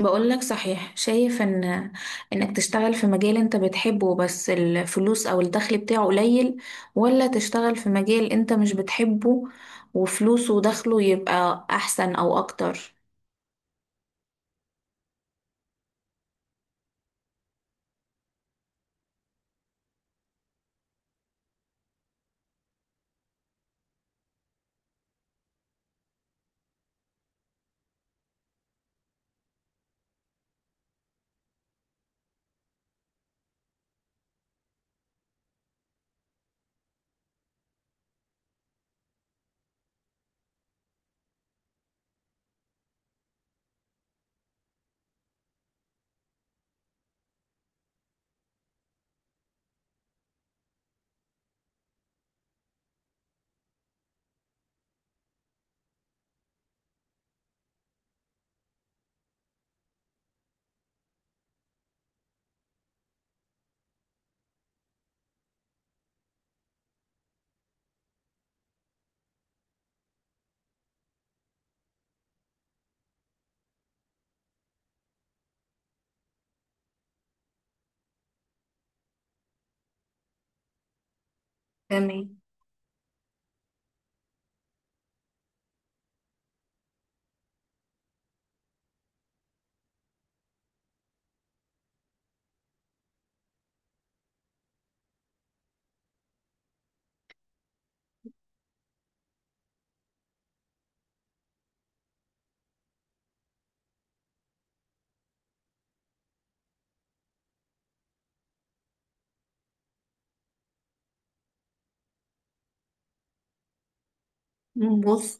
بقول لك صحيح، شايف ان انك تشتغل في مجال انت بتحبه بس الفلوس او الدخل بتاعه قليل، ولا تشتغل في مجال انت مش بتحبه وفلوسه ودخله يبقى احسن او اكتر؟ تمام. بص،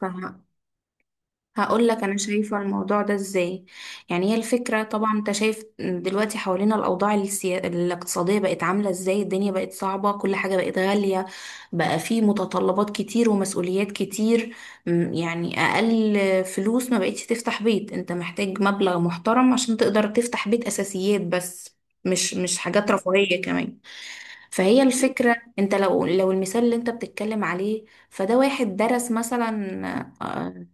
هقول لك انا شايفه الموضوع ده ازاي. يعني هي الفكره طبعا، انت شايف دلوقتي حوالينا الاوضاع الاقتصاديه بقت عامله ازاي، الدنيا بقت صعبه، كل حاجه بقت غاليه، بقى في متطلبات كتير ومسؤوليات كتير. يعني اقل فلوس ما بقتش تفتح بيت، انت محتاج مبلغ محترم عشان تقدر تفتح بيت، اساسيات بس، مش حاجات رفاهيه كمان. فهي الفكره، انت لو المثال اللي انت بتتكلم عليه، فده واحد درس مثلا آه،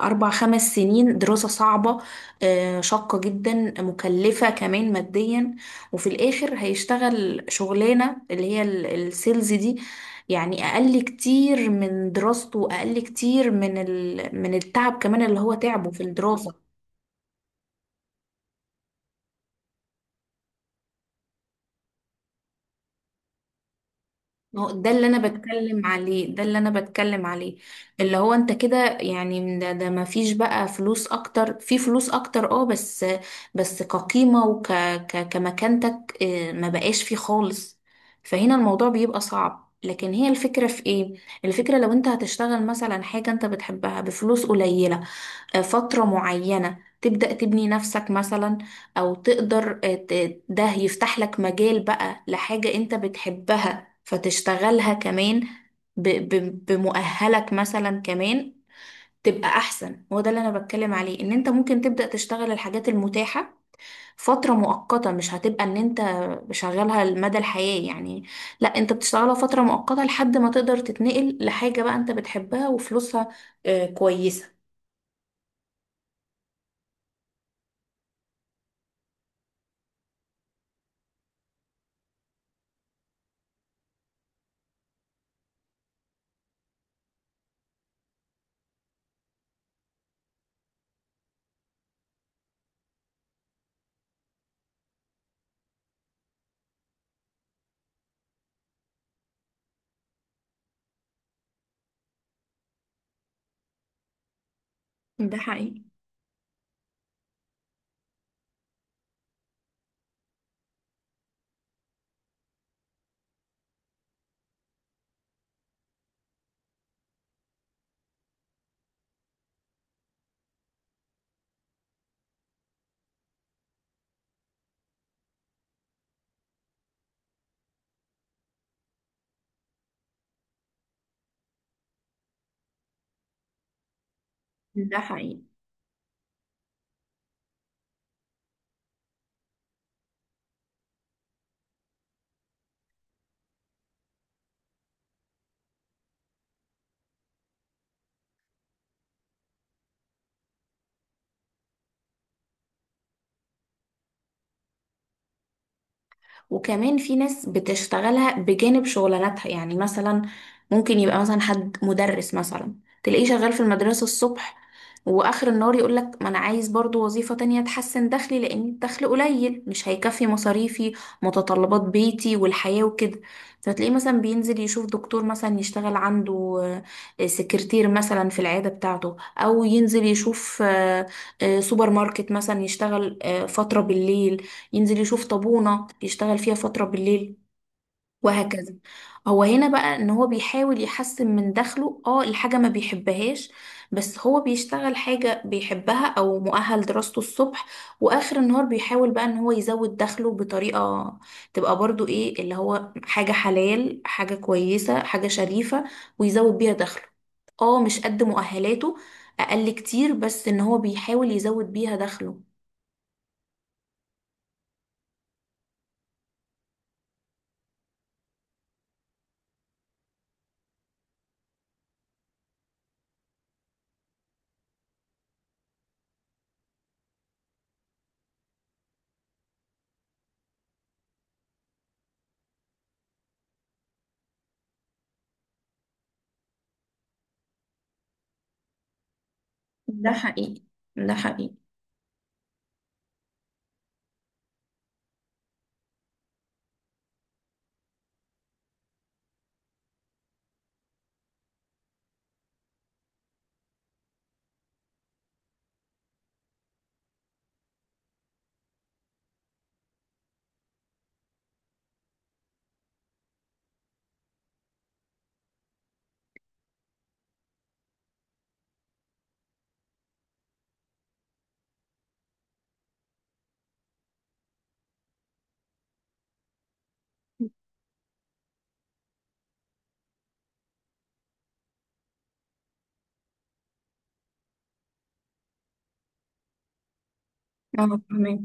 أربع خمس سنين دراسة صعبة، شاقة جدا، مكلفة كمان ماديا، وفي الآخر هيشتغل شغلانة اللي هي السيلز دي، يعني أقل كتير من دراسته، وأقل كتير من من التعب كمان اللي هو تعبه في الدراسة. ما هو ده اللي انا بتكلم عليه، ده اللي انا بتكلم عليه، اللي هو انت كده يعني، من ده، ده ما فيش بقى فلوس اكتر، في فلوس اكتر اه، بس كقيمة وك ك كمكانتك، ما بقاش فيه خالص. فهنا الموضوع بيبقى صعب، لكن هي الفكرة في ايه؟ الفكرة لو انت هتشتغل مثلا حاجة انت بتحبها بفلوس قليلة فترة معينة، تبدأ تبني نفسك مثلا، أو تقدر ده يفتح لك مجال بقى لحاجة أنت بتحبها فتشتغلها كمان ب- بمؤهلك مثلا كمان، تبقى أحسن. هو ده اللي أنا بتكلم عليه، إن أنت ممكن تبدأ تشتغل الحاجات المتاحة فترة مؤقتة، مش هتبقى إن أنت شغالها مدى الحياة يعني، لا أنت بتشتغلها فترة مؤقتة لحد ما تقدر تتنقل لحاجة بقى أنت بتحبها وفلوسها كويسة. ده حقيقي. ده حقيقي. وكمان في ناس بتشتغلها بجانب شغلاناتها، يعني مثلا ممكن يبقى مثلا حد مدرس مثلا، تلاقيه شغال في المدرسة الصبح، واخر النهار يقولك ما انا عايز برضو وظيفة تانية تحسن دخلي، لان الدخل قليل مش هيكفي مصاريفي، متطلبات بيتي والحياة وكده. فتلاقيه مثلا بينزل يشوف دكتور مثلا يشتغل عنده سكرتير مثلا في العيادة بتاعته، او ينزل يشوف سوبر ماركت مثلا يشتغل فترة بالليل، ينزل يشوف طابونة يشتغل فيها فترة بالليل، وهكذا. هو هنا بقى ان هو بيحاول يحسن من دخله، اه الحاجة ما بيحبهاش، بس هو بيشتغل حاجة بيحبها او مؤهل دراسته الصبح، واخر النهار بيحاول بقى ان هو يزود دخله بطريقة تبقى برضو ايه اللي هو، حاجة حلال، حاجة كويسة، حاجة شريفة، ويزود بيها دخله. اه مش قد مؤهلاته، اقل كتير، بس ان هو بيحاول يزود بيها دخله. ده حقيقي. ده حقيقي. اه فهمك.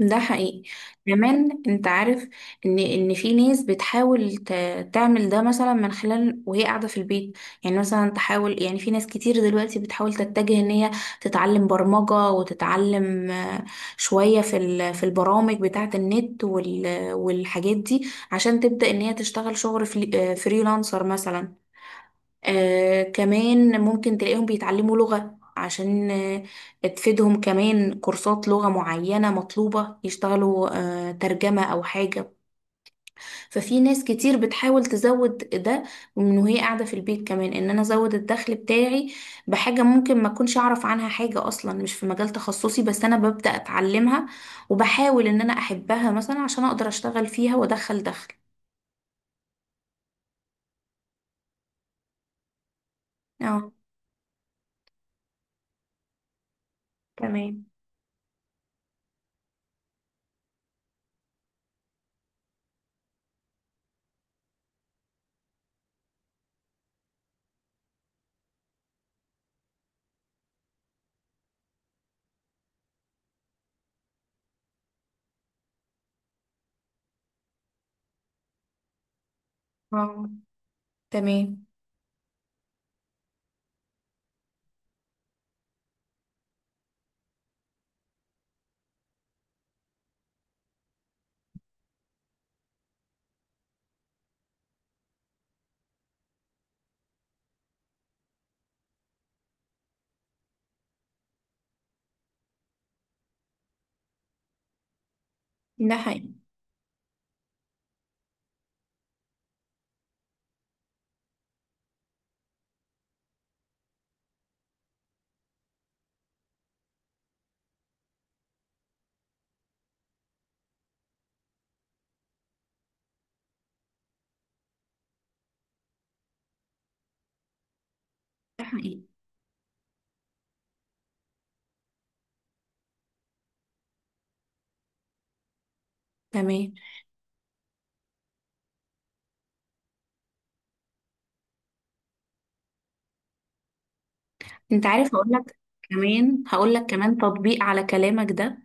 ده حقيقي. كمان انت عارف ان في ناس بتحاول تعمل ده مثلا من خلال وهي قاعده في البيت، يعني مثلا تحاول، يعني في ناس كتير دلوقتي بتحاول تتجه ان هي تتعلم برمجه، وتتعلم شويه في في البرامج بتاعه النت والحاجات دي، عشان تبدا ان هي تشتغل شغل فريلانسر مثلا. آه كمان ممكن تلاقيهم بيتعلموا لغة، عشان آه تفيدهم كمان، كورسات لغة معينة مطلوبة، يشتغلوا آه ترجمة أو حاجة. ففي ناس كتير بتحاول تزود ده من وهي قاعدة في البيت، كمان إن أنا أزود الدخل بتاعي بحاجة ممكن ما أكونش أعرف عنها حاجة أصلا، مش في مجال تخصصي، بس أنا ببدأ أتعلمها وبحاول إن أنا أحبها مثلا عشان أقدر أشتغل فيها وأدخل دخل. اه. تمام. اه. تمام. ده حقيقي. ده حقيقي. تمام. انت عارف، هقول لك كمان تطبيق على كلامك ده.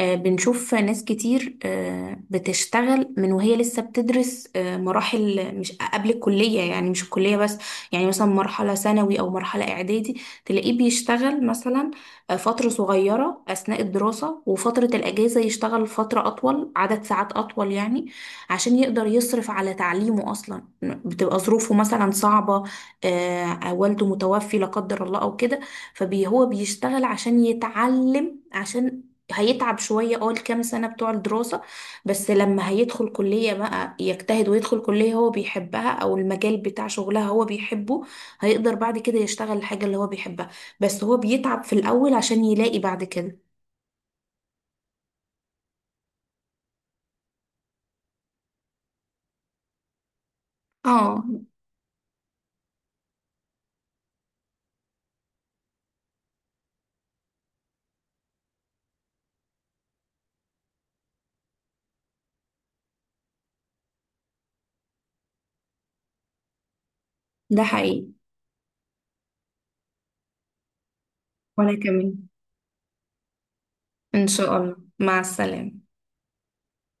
بنشوف ناس كتير بتشتغل من وهي لسه بتدرس، مراحل مش قبل الكلية يعني، مش الكلية بس، يعني مثلا مرحلة ثانوي أو مرحلة إعدادي تلاقيه بيشتغل مثلا فترة صغيرة أثناء الدراسة، وفترة الأجازة يشتغل فترة أطول، عدد ساعات أطول يعني، عشان يقدر يصرف على تعليمه أصلا، بتبقى ظروفه مثلا صعبة، والده متوفي لا قدر الله أو كده. فهو بيشتغل عشان يتعلم، عشان هيتعب شوية اه الكام سنة بتوع الدراسة، بس لما هيدخل كلية بقى يجتهد ويدخل كلية هو بيحبها أو المجال بتاع شغلها هو بيحبه، هيقدر بعد كده يشتغل الحاجة اللي هو بيحبها، بس هو بيتعب في الأول عشان يلاقي بعد كده. اه. ده حقيقي. وأنا كمان، إن شاء الله، مع السلامة.